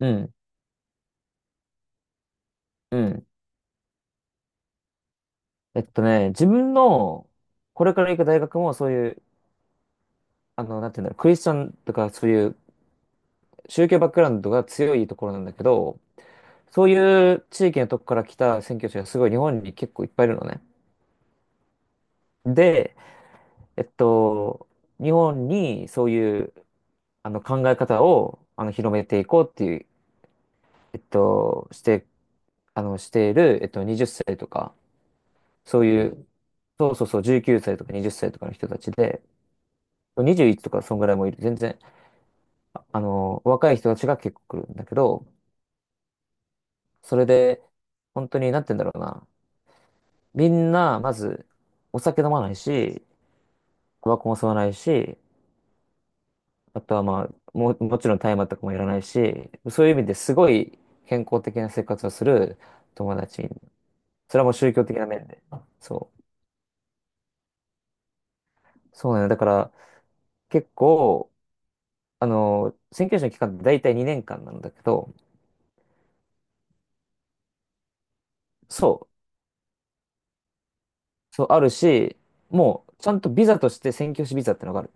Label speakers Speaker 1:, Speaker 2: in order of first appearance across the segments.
Speaker 1: うん。うん。自分の、これから行く大学もそういう、なんていうんだろう、クリスチャンとかそういう宗教バックグラウンドが強いところなんだけど、そういう地域のとこから来た宣教師がすごい日本に結構いっぱいいるのね。で、えっと、日本にそういう、考え方を、広めていこうっていう、えっと、して、している、20歳とか、そういう、そうそうそう、19歳とか20歳とかの人たちで、21とかそんぐらいもいる。全然、若い人たちが結構来るんだけど、それで、本当に、なんて言うんだろうな。みんな、まず、お酒飲まないし、タバコも吸わないし、あとはまあ、もう、もちろん大麻とかもいらないし、そういう意味ですごい健康的な生活をする友達。それはもう宗教的な面で。そう。そうなのよ。だから、結構、宣教師の期間って大体2年間なんだけど、そう。そう、あるし、もう、ちゃんとビザとして宣教師ビザってのがある。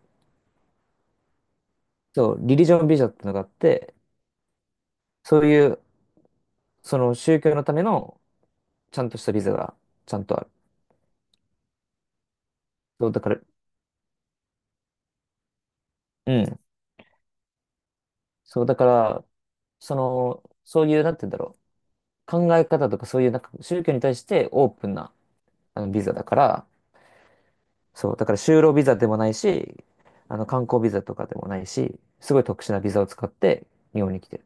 Speaker 1: そう、リリジョンビザってのがあって、そういう、その宗教のための、ちゃんとしたビザが、ちゃんとある。そう、だから、うん。そう、だから、その、そういう、なんて言うんだろう。考え方とか、そういう、なんか、宗教に対してオープンな、ビザだから、そう、だから、就労ビザでもないし、観光ビザとかでもないし、すごい特殊なビザを使って、日本に来てる。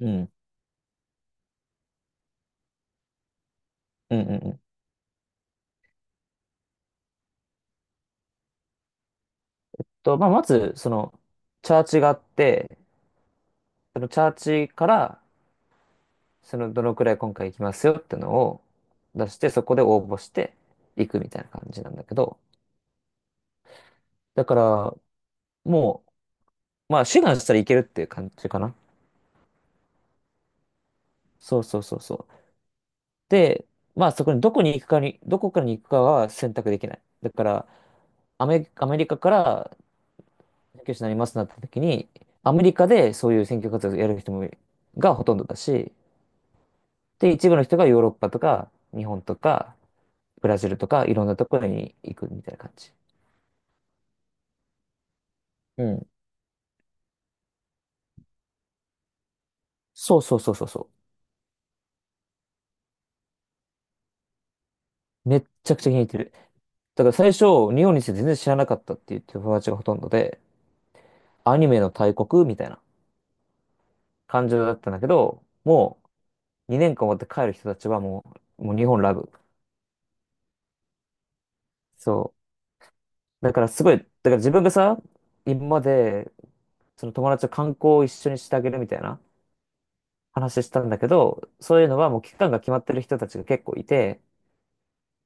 Speaker 1: うん。うんうんうんと、まあ、まず、その、チャーチがあって、そのチャーチから、その、どのくらい今回行きますよってのを出して、そこで応募して行くみたいな感じなんだけど、だから、もうまあ、志願したらいけるっていう感じかな。そうそうそうそう。で、まあ、そこにどこに行くかに、どこからに行くかは選択できない。だから、アメリカから選挙手になりますなった時に、アメリカでそういう選挙活動をやる人も、がほとんどだし、で、一部の人がヨーロッパとか、日本とか、ブラジルとか、いろんなところに行くみたいな感じ。うん。そうそうそうそうそう。めっちゃくちゃ気に入ってる。だから最初、日本について全然知らなかったっていう友達がほとんどで、アニメの大国みたいな感情だったんだけど、もう2年間終わって帰る人たちはもう日本ラブ。そう。だからすごい、だから自分がさ、今まで、その友達と観光を一緒にしてあげるみたいな話したんだけど、そういうのはもう期間が決まってる人たちが結構いて、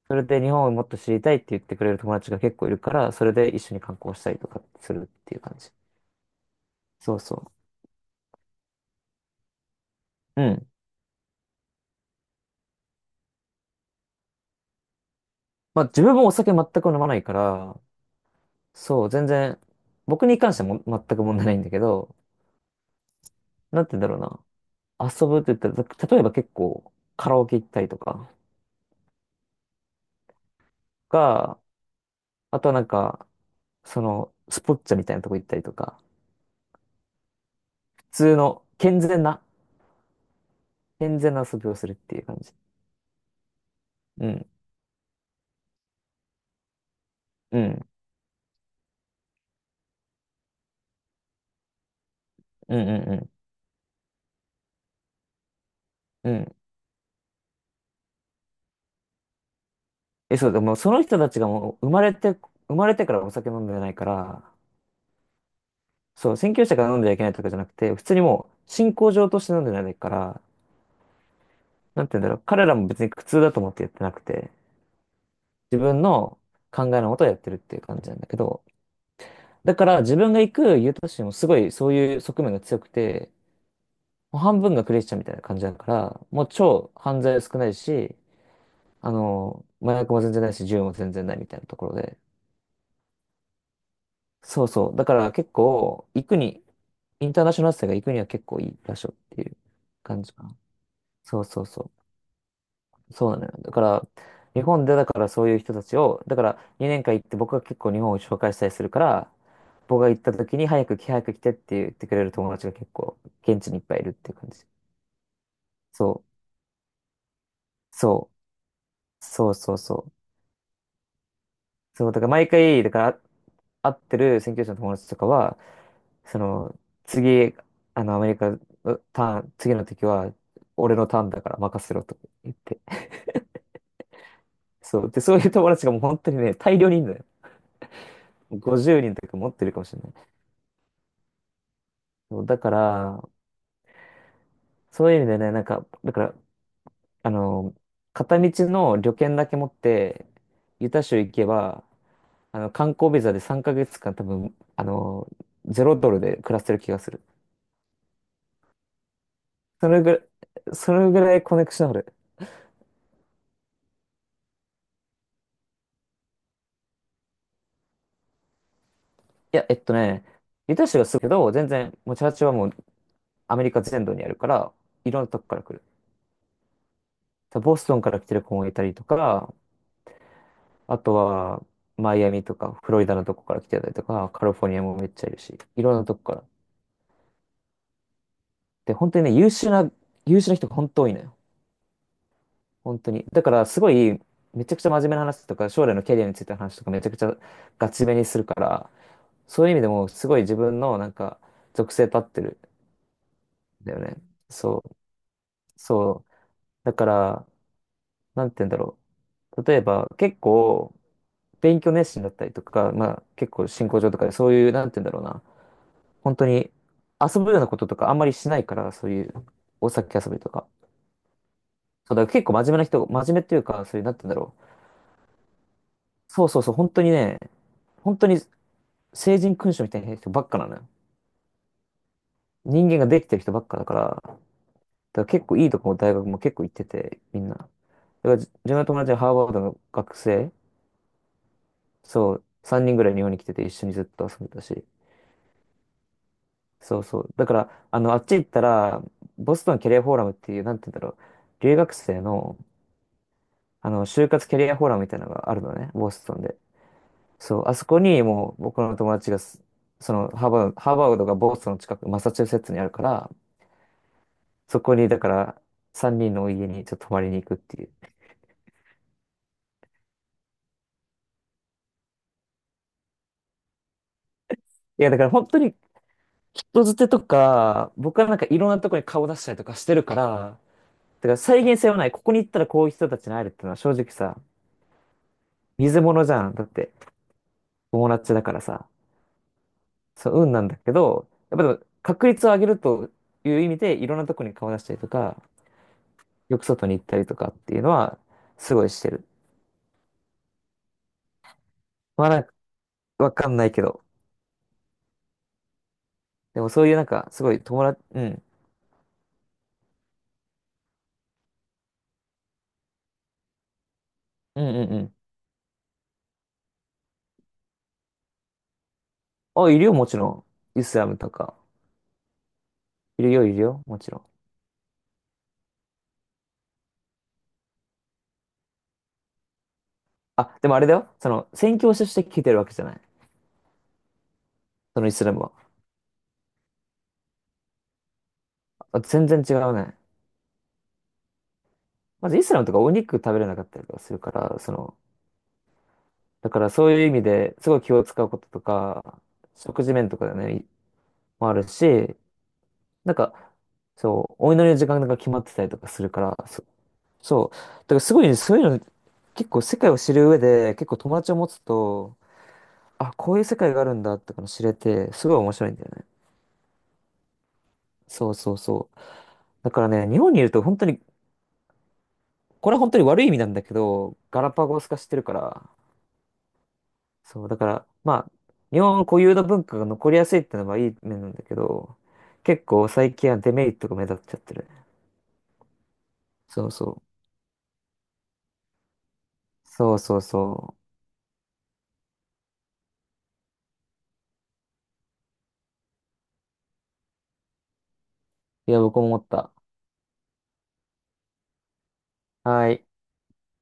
Speaker 1: それで日本をもっと知りたいって言ってくれる友達が結構いるから、それで一緒に観光したりとかするっていう感じ。そうそう。うん。まあ自分もお酒全く飲まないから、そう、全然、僕に関してはも全く問題ないんだけど、なんて言うんだろうな。遊ぶって言ったら、例えば結構カラオケ行ったりとかが、あとはなんか、その、スポッチャみたいなとこ行ったりとか、普通の健全な、健全な遊びをするっていう感じ。うん。うん。うんうんうん。うん。え、そう、でもその人たちがもう生まれて、生まれてからお酒飲んでないから、そう、宣教師が飲んではいけないとかじゃなくて、普通にもう信仰上として飲んでないから、なんて言うんだろう、彼らも別に苦痛だと思ってやってなくて、自分の考えのことをやってるっていう感じなんだけど、だから自分が行くユタ市もすごいそういう側面が強くて、もう半分がクリスチャンみたいな感じだから、もう超犯罪少ないし、麻薬も全然ないし、銃も全然ないみたいなところで、そうそう。だから結構、行くに、インターナショナル生が行くには結構いい場所っていう感じかな。そうそうそう。そうなのよ。だから、日本でだからそういう人たちを、だから2年間行って僕が結構日本を紹介したりするから、僕が行った時に早く来てって言ってくれる友達が結構現地にいっぱいいるっていう感じ。そう、そそうそうそう。そう、だから毎回、だから会ってる宣教師の友達とかは、その、次、あの、アメリカ、うターン、次の時は、俺のターンだから任せろと言って。そう。で、そういう友達がもう本当にね、大量にいるのよ。50人とか持ってるかもしれない。そう、だから、そういう意味でね、なんか、だから、あの、片道の旅券だけ持って、ユタ州行けば、観光ビザで3ヶ月間多分、ゼロドルで暮らせる気がする。それぐらい、それぐらいコネクションある。いや、えっとね、ユタ州がすぐけど、全然、もうチャーチはもうアメリカ全土にあるから、いろんなとこから来る。ボストンから来てる子もいたりとか、あとは、マイアミとか、フロリダのとこから来てたりとか、カリフォルニアもめっちゃいるし、いろんなとこから。で、本当にね、優秀な人が本当多いのよ。本当に。だから、すごい、めちゃくちゃ真面目な話とか、将来のキャリアについての話とか、めちゃくちゃガチめにするから、そういう意味でも、すごい自分の、なんか、属性立ってるんだよね。そう、そう。だから、なんて言うんだろう。例えば、結構、勉強熱心だったりとか、まあ、結構、進行上とかで、そういう、なんて言うんだろうな。本当に、遊ぶようなこととか、あんまりしないから、そういう、お酒遊びとか。そう、だから結構真面目っていうか、そういう、なんて言うんだろう。そうそうそう、本当にね、本当に、成人君主みたいな人ばっかなのよ。人間ができてる人ばっかだから、だから結構いいとこも大学も結構行ってて、みんな。だから自分の友達はハーバードの学生、そう、3人ぐらい日本に来てて一緒にずっと遊んでたし、そうそう。だから、あっち行ったら、ボストンキャリアフォーラムっていう、なんて言うんだろう、留学生の、就活キャリアフォーラムみたいなのがあるのね、ボストンで。そう、あそこにもう僕の友達がす、その、ハーバードがボストンの近く、マサチューセッツにあるから、そこに、だから、3人のお家にちょっと泊まりに行くっていう。いや、だから本当に、人づてとか、僕はなんかいろんなとこに顔出したりとかしてるから、だから再現性はない。ここに行ったらこういう人たちに会えるっていうのは正直さ、水物じゃん。だって。友達だからさ、そう、運なんだけど、やっぱでも確率を上げるという意味で、いろんなとこに顔出したりとか、よく外に行ったりとかっていうのは、すごいしてる。まあなんか、わかんないけど。でもそういうなんか、すごい友達、うん。うんうんうん。あ、いるよ、もちろん。イスラムとか。いるよ、いるよ、もちろん。あ、でもあれだよ。その、宣教師として聞いてるわけじゃない。そのイスラムは。あ全然違うね。まずイスラムとかお肉食べれなかったりとかするから、その、だからそういう意味ですごい気を使うこととか、食事面とかでね、もあるし、なんか、そう、お祈りの時間が決まってたりとかするから、そう。だからすごいねそういうの、結構世界を知る上で、結構友達を持つと、あ、こういう世界があるんだっての知れて、すごい面白いんだよね。そうそうそう。だからね、日本にいると本当に、これは本当に悪い意味なんだけど、ガラパゴス化してるから、そう、だから、まあ、日本固有の文化が残りやすいってのはいい面なんだけど、結構最近はデメリットが目立っちゃってる。そうそう。そうそうそう。いや、僕も思った。はい。